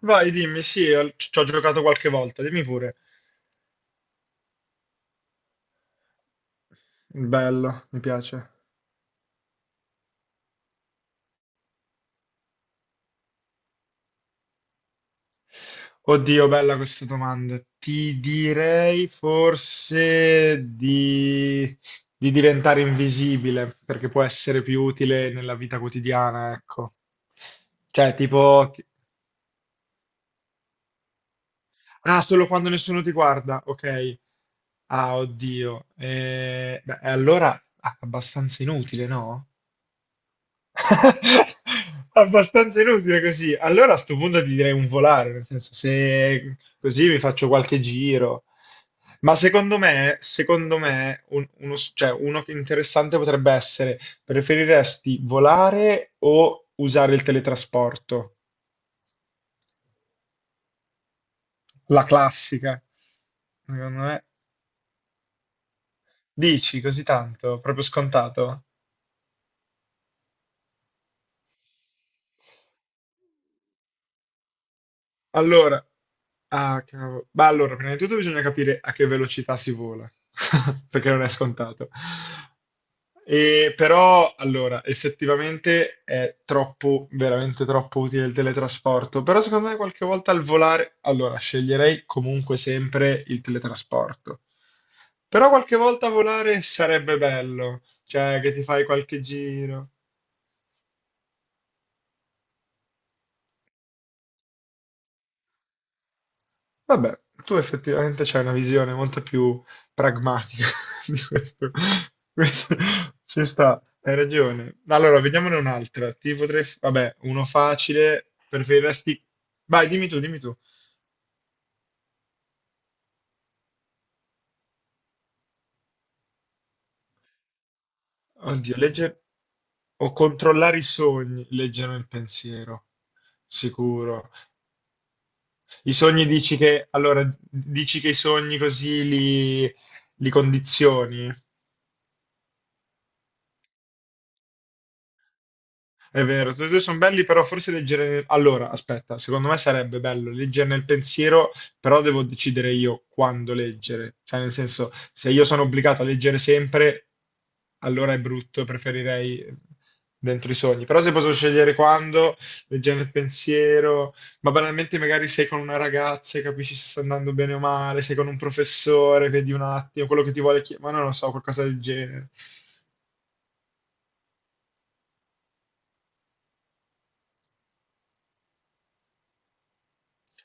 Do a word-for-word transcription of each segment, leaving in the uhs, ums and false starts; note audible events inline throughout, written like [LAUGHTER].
Vai, dimmi, sì, al- ci ho giocato qualche volta, dimmi pure. Bello, mi piace. Oddio, bella questa domanda. Ti direi forse di, di diventare invisibile, perché può essere più utile nella vita quotidiana, ecco. Cioè, tipo... Ah, solo quando nessuno ti guarda, ok. Ah, oddio. Eh, beh, allora ah, abbastanza inutile, no? [LAUGHS] Abbastanza inutile così. Allora a sto punto ti direi un volare, nel senso se così mi faccio qualche giro. Ma secondo me, secondo me, un- uno, s- cioè, uno che interessante potrebbe essere, preferiresti volare o usare il teletrasporto? La classica, secondo me. Dici così tanto, proprio scontato? Allora, ah, cavolo. Beh, allora, prima di tutto bisogna capire a che velocità si vola, [LAUGHS] perché non è scontato. E, però, allora, effettivamente è troppo, veramente troppo utile il teletrasporto, però secondo me qualche volta al volare, allora, sceglierei comunque sempre il teletrasporto. Però qualche volta volare sarebbe bello, cioè che ti fai qualche giro. Vabbè, tu effettivamente c'hai una visione molto più pragmatica [LAUGHS] di questo. Questo ci sta, hai ragione. Allora, vediamone un'altra. Ti potrei... f- Vabbè, uno facile. Preferiresti... Vai, dimmi tu, dimmi tu. Oddio, leggere... O controllare i sogni, leggere il pensiero. Sicuro. I sogni dici che... Allora, dici che i sogni così li, li condizioni? È vero, tutti e due sono belli, però forse leggere... Allora, aspetta, secondo me sarebbe bello leggere nel pensiero, però devo decidere io quando leggere. Cioè, nel senso, se io sono obbligato a leggere sempre, allora è brutto, preferirei eh, dentro i sogni. Però se posso scegliere quando, leggere nel pensiero, ma banalmente magari sei con una ragazza e capisci se sta andando bene o male, sei con un professore, vedi un attimo quello che ti vuole chiedere, ma non lo so, qualcosa del genere.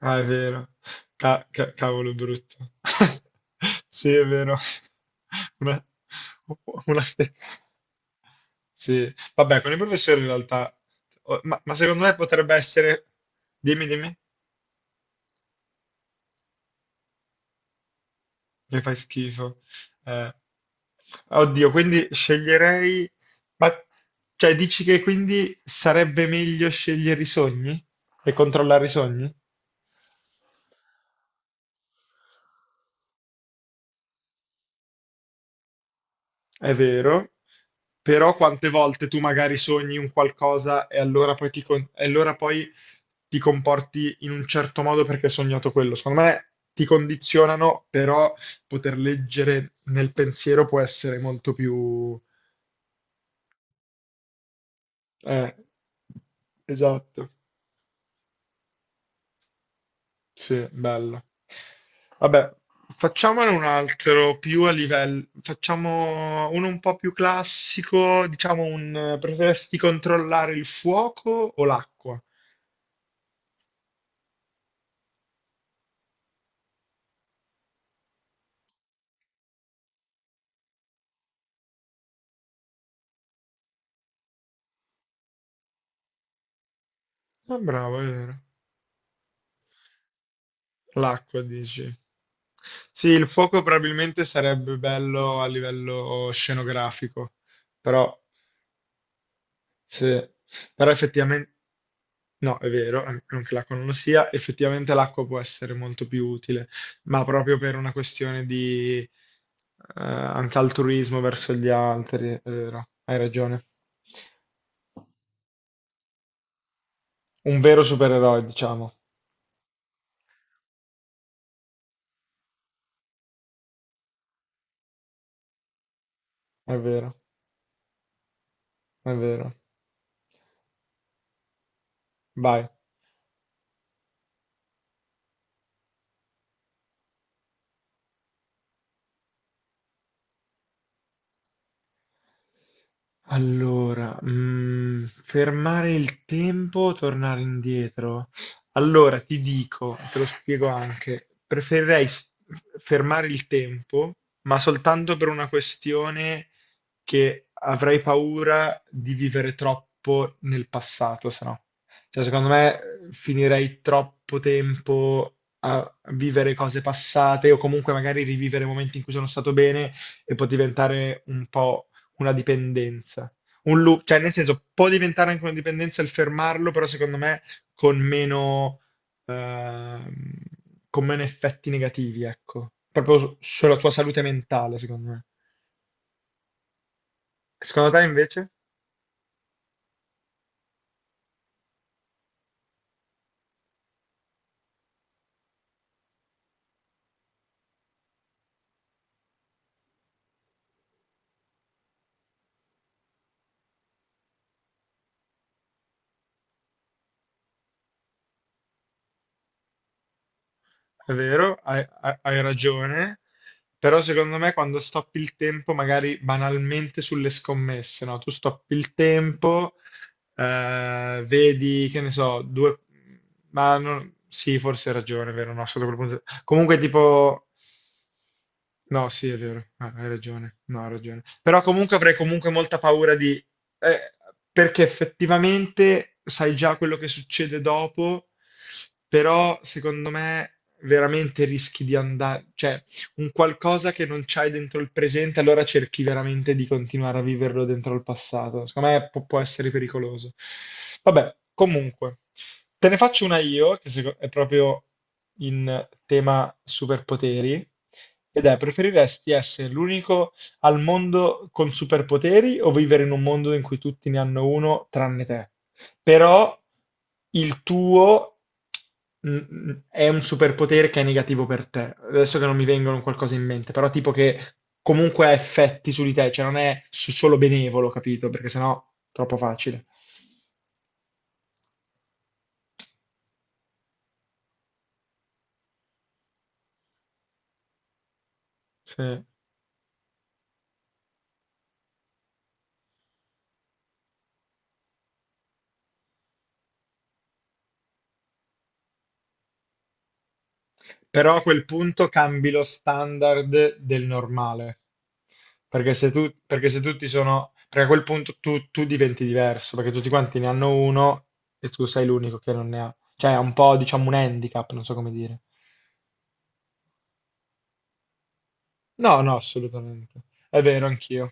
Ah, è vero. Ca- ca- cavolo brutto. [LAUGHS] Sì, è vero. [LAUGHS] Una, una ste- Sì. Vabbè, con i professori in realtà... o- Ma, ma secondo me potrebbe essere... Dimmi, dimmi, che fai schifo. Eh, Oddio, quindi sceglierei... Ma, cioè, dici che quindi sarebbe meglio scegliere i sogni? E controllare i sogni? È vero, però quante volte tu magari sogni un qualcosa e allora poi ti, con- e allora poi ti comporti in un certo modo perché hai sognato quello. Secondo me ti condizionano, però poter leggere nel pensiero può essere molto più... eh, esatto. Sì, bello. Vabbè, facciamone un altro più a livello, facciamo uno un po' più classico, diciamo un eh, preferesti controllare il fuoco o l'acqua? Ah, bravo, è vero. L'acqua, dici. Sì, il fuoco probabilmente sarebbe bello a livello scenografico, però sì, però effettivamente, no, è vero, an- non che l'acqua non lo sia, effettivamente l'acqua può essere molto più utile, ma proprio per una questione di eh, anche altruismo verso gli altri, è vero, hai ragione. Un vero supereroe, diciamo, è vero, è vero. Vai. Allora, mm, fermare il tempo, tornare indietro. Allora, ti dico, te lo spiego anche, preferirei s- fermare il tempo, ma soltanto per una questione che avrei paura di vivere troppo nel passato, se no. Cioè, secondo me eh, finirei troppo tempo a vivere cose passate o comunque magari rivivere momenti in cui sono stato bene e può diventare un po' una dipendenza. Un loop, cioè nel senso può diventare anche una dipendenza il fermarlo, però secondo me con meno, ehm, con meno effetti negativi, ecco. Proprio su- sulla tua salute mentale, secondo me. Secondo te invece? È vero, hai, hai- hai ragione, però secondo me quando stoppi il tempo, magari banalmente sulle scommesse, no? Tu stoppi il tempo, eh, vedi, che ne so, due... Ma non- sì, forse hai ragione, è vero, no, sotto quel punto... Comunque tipo... No, sì, è vero, ah, hai ragione, no, hai ragione. Però comunque avrei comunque molta paura di... eh, perché effettivamente sai già quello che succede dopo, però secondo me veramente rischi di andare... Cioè, un qualcosa che non c'hai dentro il presente, allora cerchi veramente di continuare a viverlo dentro il passato. Secondo me può, può essere pericoloso. Vabbè, comunque, te ne faccio una io, che seco- è proprio in tema superpoteri, ed è, preferiresti essere l'unico al mondo con superpoteri o vivere in un mondo in cui tutti ne hanno uno tranne te? Però il tuo mm, è un superpotere che è negativo per te. Adesso che non mi vengono qualcosa in mente, però tipo che comunque ha effetti su di te, cioè non è su- solo benevolo, capito? Perché sennò è troppo facile. Sì. Però a quel punto cambi lo standard del normale. Perché se, tu, perché se tutti sono... Perché a quel punto tu, tu diventi diverso, perché tutti quanti ne hanno uno e tu sei l'unico che non ne ha. Cioè è un po', diciamo, un handicap, non so come dire. No, no, assolutamente. È vero, anch'io.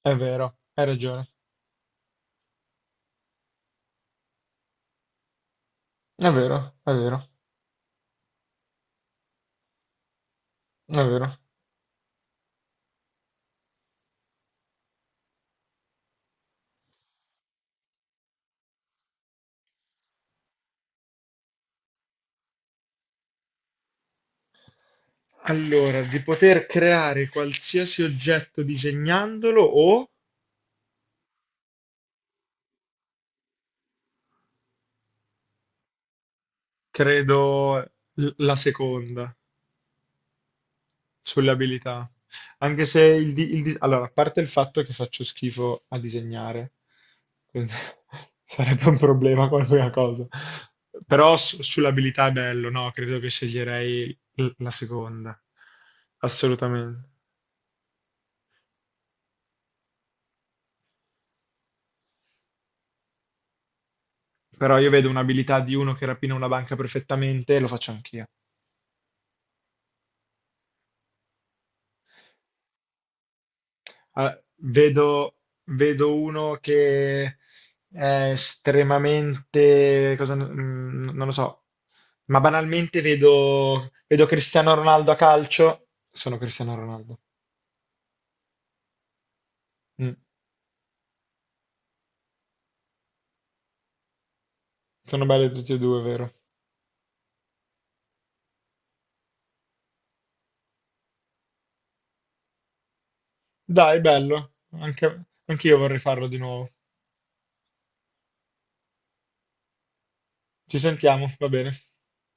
È vero, hai ragione. È vero, è vero, è vero. Allora, di poter creare qualsiasi oggetto disegnandolo o credo l- la seconda. Sulle abilità. Anche se il, di- il di- allora, a parte il fatto che faccio schifo a disegnare, quindi [LAUGHS] sarebbe un problema qualunque cosa. Però su- sull'abilità è bello, no? Credo che sceglierei l- la seconda. Assolutamente. Però io vedo un'abilità di uno che rapina una banca perfettamente e lo faccio anch'io. Ah, vedo, vedo uno che è estremamente, cosa, mm, non lo so, ma banalmente vedo, vedo Cristiano Ronaldo a calcio. Sono Cristiano Ronaldo. Mm. Sono belli tutti e due, vero? Dai, bello. Anche, anche io vorrei farlo di nuovo. Ci sentiamo, va bene.